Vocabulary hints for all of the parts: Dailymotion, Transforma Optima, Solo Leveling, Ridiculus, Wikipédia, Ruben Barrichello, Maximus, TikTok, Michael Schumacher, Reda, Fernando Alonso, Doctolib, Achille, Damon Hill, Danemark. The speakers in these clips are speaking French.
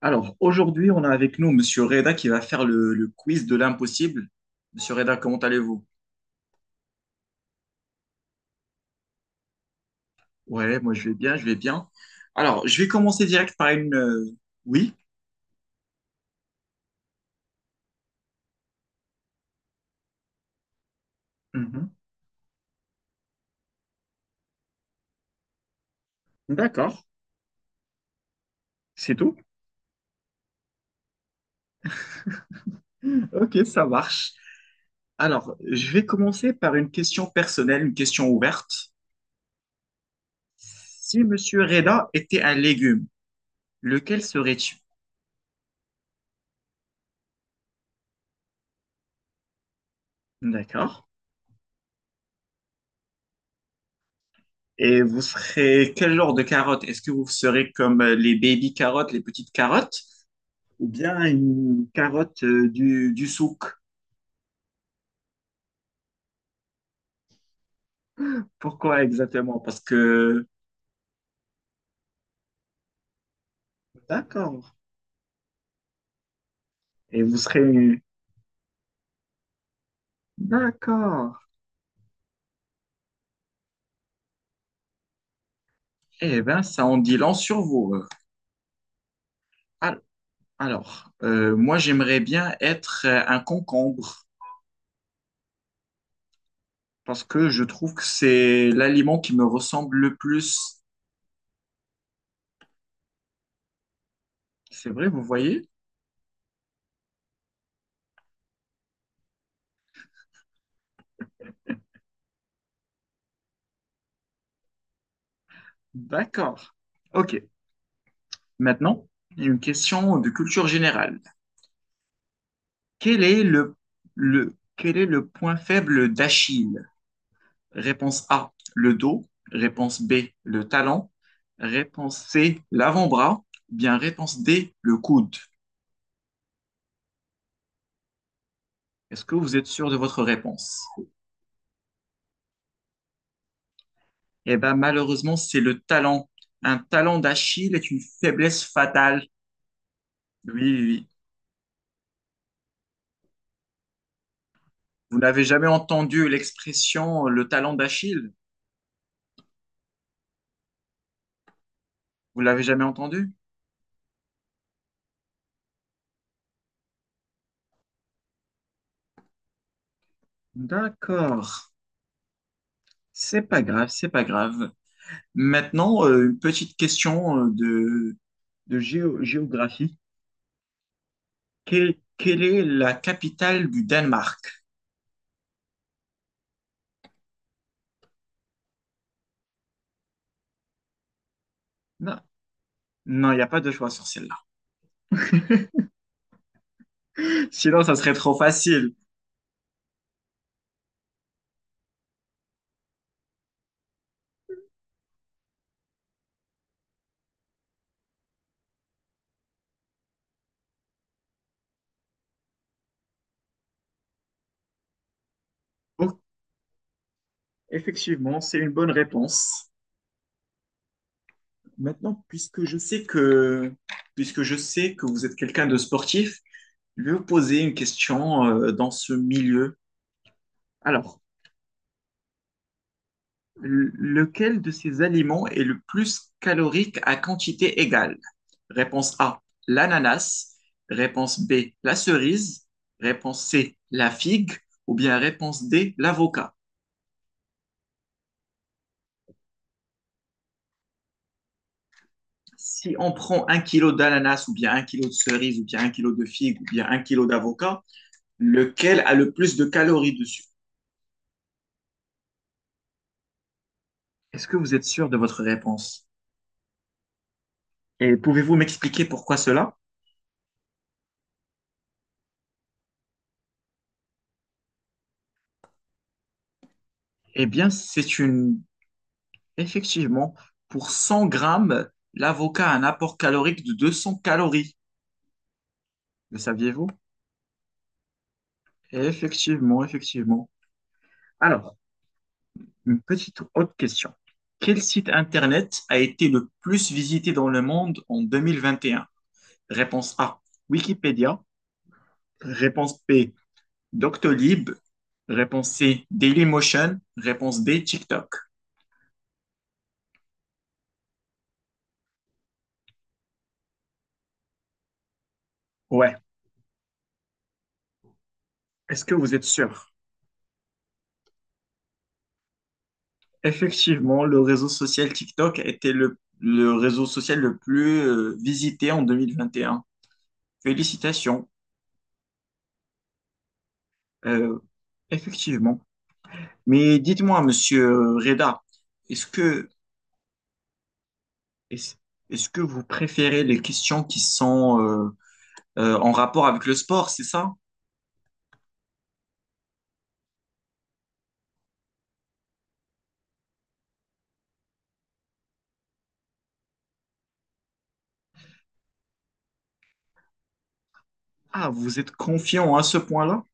Alors, aujourd'hui, on a avec nous Monsieur Reda qui va faire le quiz de l'impossible. Monsieur Reda, comment allez-vous? Ouais, moi je vais bien, je vais bien. Alors, je vais commencer direct par une... Oui? Mhm. D'accord, c'est tout. Ok, ça marche. Alors, je vais commencer par une question personnelle, une question ouverte. Si Monsieur Reda était un légume, lequel serais-tu? D'accord. Et vous serez quel genre de carotte? Est-ce que vous serez comme les baby carottes, les petites carottes? Ou bien une carotte du souk. Pourquoi exactement? Parce que, d'accord. Et vous serez, d'accord. Eh bien, ça en dit long sur vous. Al- Alors, moi, j'aimerais bien être un concombre parce que je trouve que c'est l'aliment qui me ressemble le plus. C'est vrai, vous voyez? D'accord. OK. Maintenant, une question de culture générale. Quel est le, quel est le point faible d'Achille? Réponse A, le dos. Réponse B, le talon. Réponse C, l'avant-bras. Bien réponse D, le coude. Est-ce que vous êtes sûr de votre réponse? Eh bien, malheureusement, c'est le talon. Un talon d'Achille est une faiblesse fatale. Oui, oui, oui. Vous n'avez jamais entendu l'expression le talon d'Achille? Vous l'avez jamais entendu? D'accord. C'est pas grave, c'est pas grave. Maintenant, une petite question de géographie. Quelle est la capitale du Danemark? Non, non, il n'y a pas de choix sur celle-là. Sinon, ça serait trop facile. Donc, effectivement, c'est une bonne réponse. Maintenant, puisque je sais que vous êtes quelqu'un de sportif, je vais vous poser une question dans ce milieu. Alors, lequel de ces aliments est le plus calorique à quantité égale? Réponse A, l'ananas. Réponse B, la cerise. Réponse C, la figue. Ou bien réponse D, l'avocat. Si on prend un kilo d'ananas ou bien un kilo de cerise ou bien un kilo de figue ou bien un kilo d'avocat, lequel a le plus de calories dessus? Est-ce que vous êtes sûr de votre réponse? Et pouvez-vous m'expliquer pourquoi cela? Eh bien, c'est une... Effectivement, pour 100 grammes, l'avocat a un apport calorique de 200 calories. Le saviez-vous? Effectivement, effectivement. Alors, une petite autre question. Quel site internet a été le plus visité dans le monde en 2021? Réponse A, Wikipédia. Réponse B, Doctolib. Réponse C, Dailymotion. Réponse D, TikTok. Ouais, est-ce que vous êtes sûr? Effectivement, le réseau social TikTok était le réseau social le plus visité en 2021. Félicitations. Euh, effectivement. Mais dites-moi, monsieur Reda, est-ce que Est-ce est-ce que vous préférez les questions qui sont en rapport avec le sport, c'est ça? Ah, vous êtes confiant à ce point-là?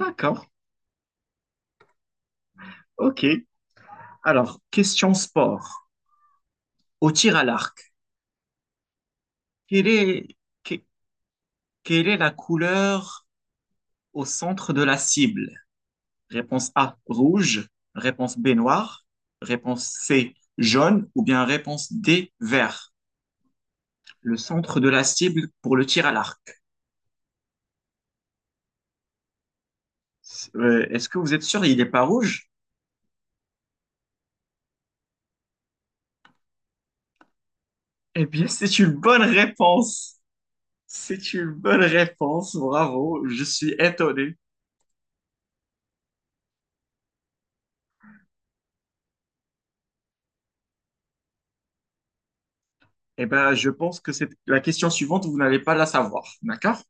D'accord, ok. Alors, question sport. Au tir à l'arc, quelle est, que- quelle est la couleur au centre de la cible? Réponse A, rouge. Réponse B, noir. Réponse C, jaune. Ou bien réponse D, vert. Le centre de la cible pour le tir à l'arc. Est-ce que vous êtes sûr, il n'est pas rouge? Eh bien, c'est une bonne réponse. C'est une bonne réponse. Bravo. Je suis étonné. Eh bien, je pense que c'est la question suivante, vous n'allez pas la savoir. D'accord?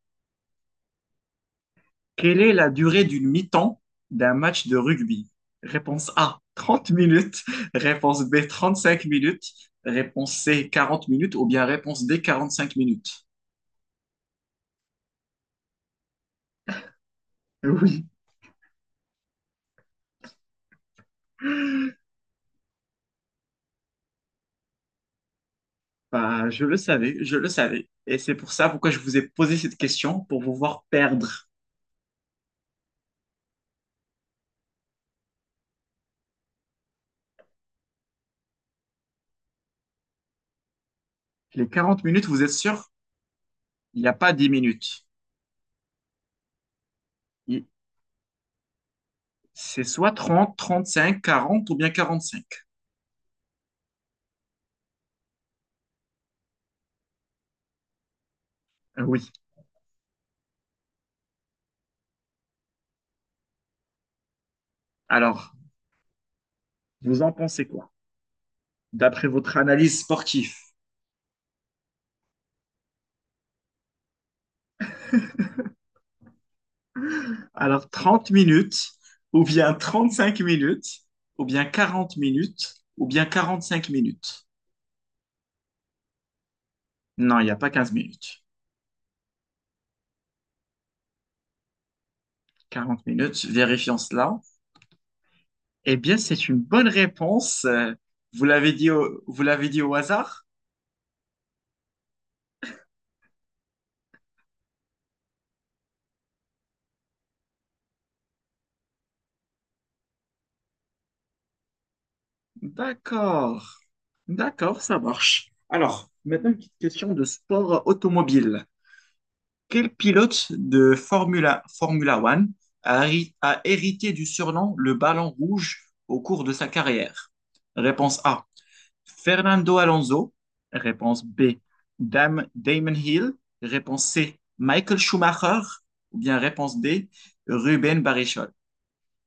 Quelle est la durée d'une mi-temps d'un match de rugby? Réponse A, 30 minutes. Réponse B, 35 minutes. Réponse C, 40 minutes. Ou bien réponse D, 45 minutes. Oui, bah, je le savais, je le savais. Et c'est pour ça pourquoi je vous ai posé cette question, pour vous voir perdre. Les quarante minutes, vous êtes sûr? Il n'y a pas 10 minutes. C'est soit trente, trente-cinq, quarante ou bien quarante-cinq. Oui. Alors, vous en pensez quoi? D'après votre analyse sportive. Alors, 30 minutes ou bien 35 minutes ou bien 40 minutes ou bien 45 minutes. Non, il n'y a pas 15 minutes. 40 minutes, vérifions cela. Eh bien, c'est une bonne réponse. Vous l'avez dit vous l'avez dit au hasard? D'accord. D'accord, ça marche. Alors, maintenant une petite question de sport automobile. Quel pilote de Formula One a hérité du surnom le ballon rouge au cours de sa carrière? Réponse A, Fernando Alonso. Réponse B, Damon Hill. Réponse C, Michael Schumacher. Ou bien réponse D, Ruben Barrichello.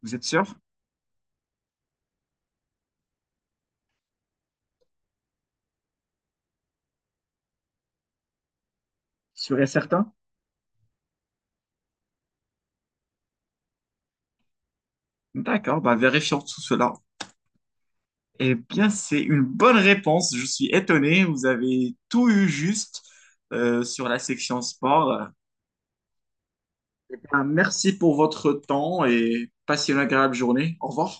Vous êtes sûr? Sûr et certain? D'accord, bah vérifions tout cela. Eh bien, c'est une bonne réponse. Je suis étonné. Vous avez tout eu juste sur la section sport. Eh bien, merci pour votre temps et passez une agréable journée. Au revoir.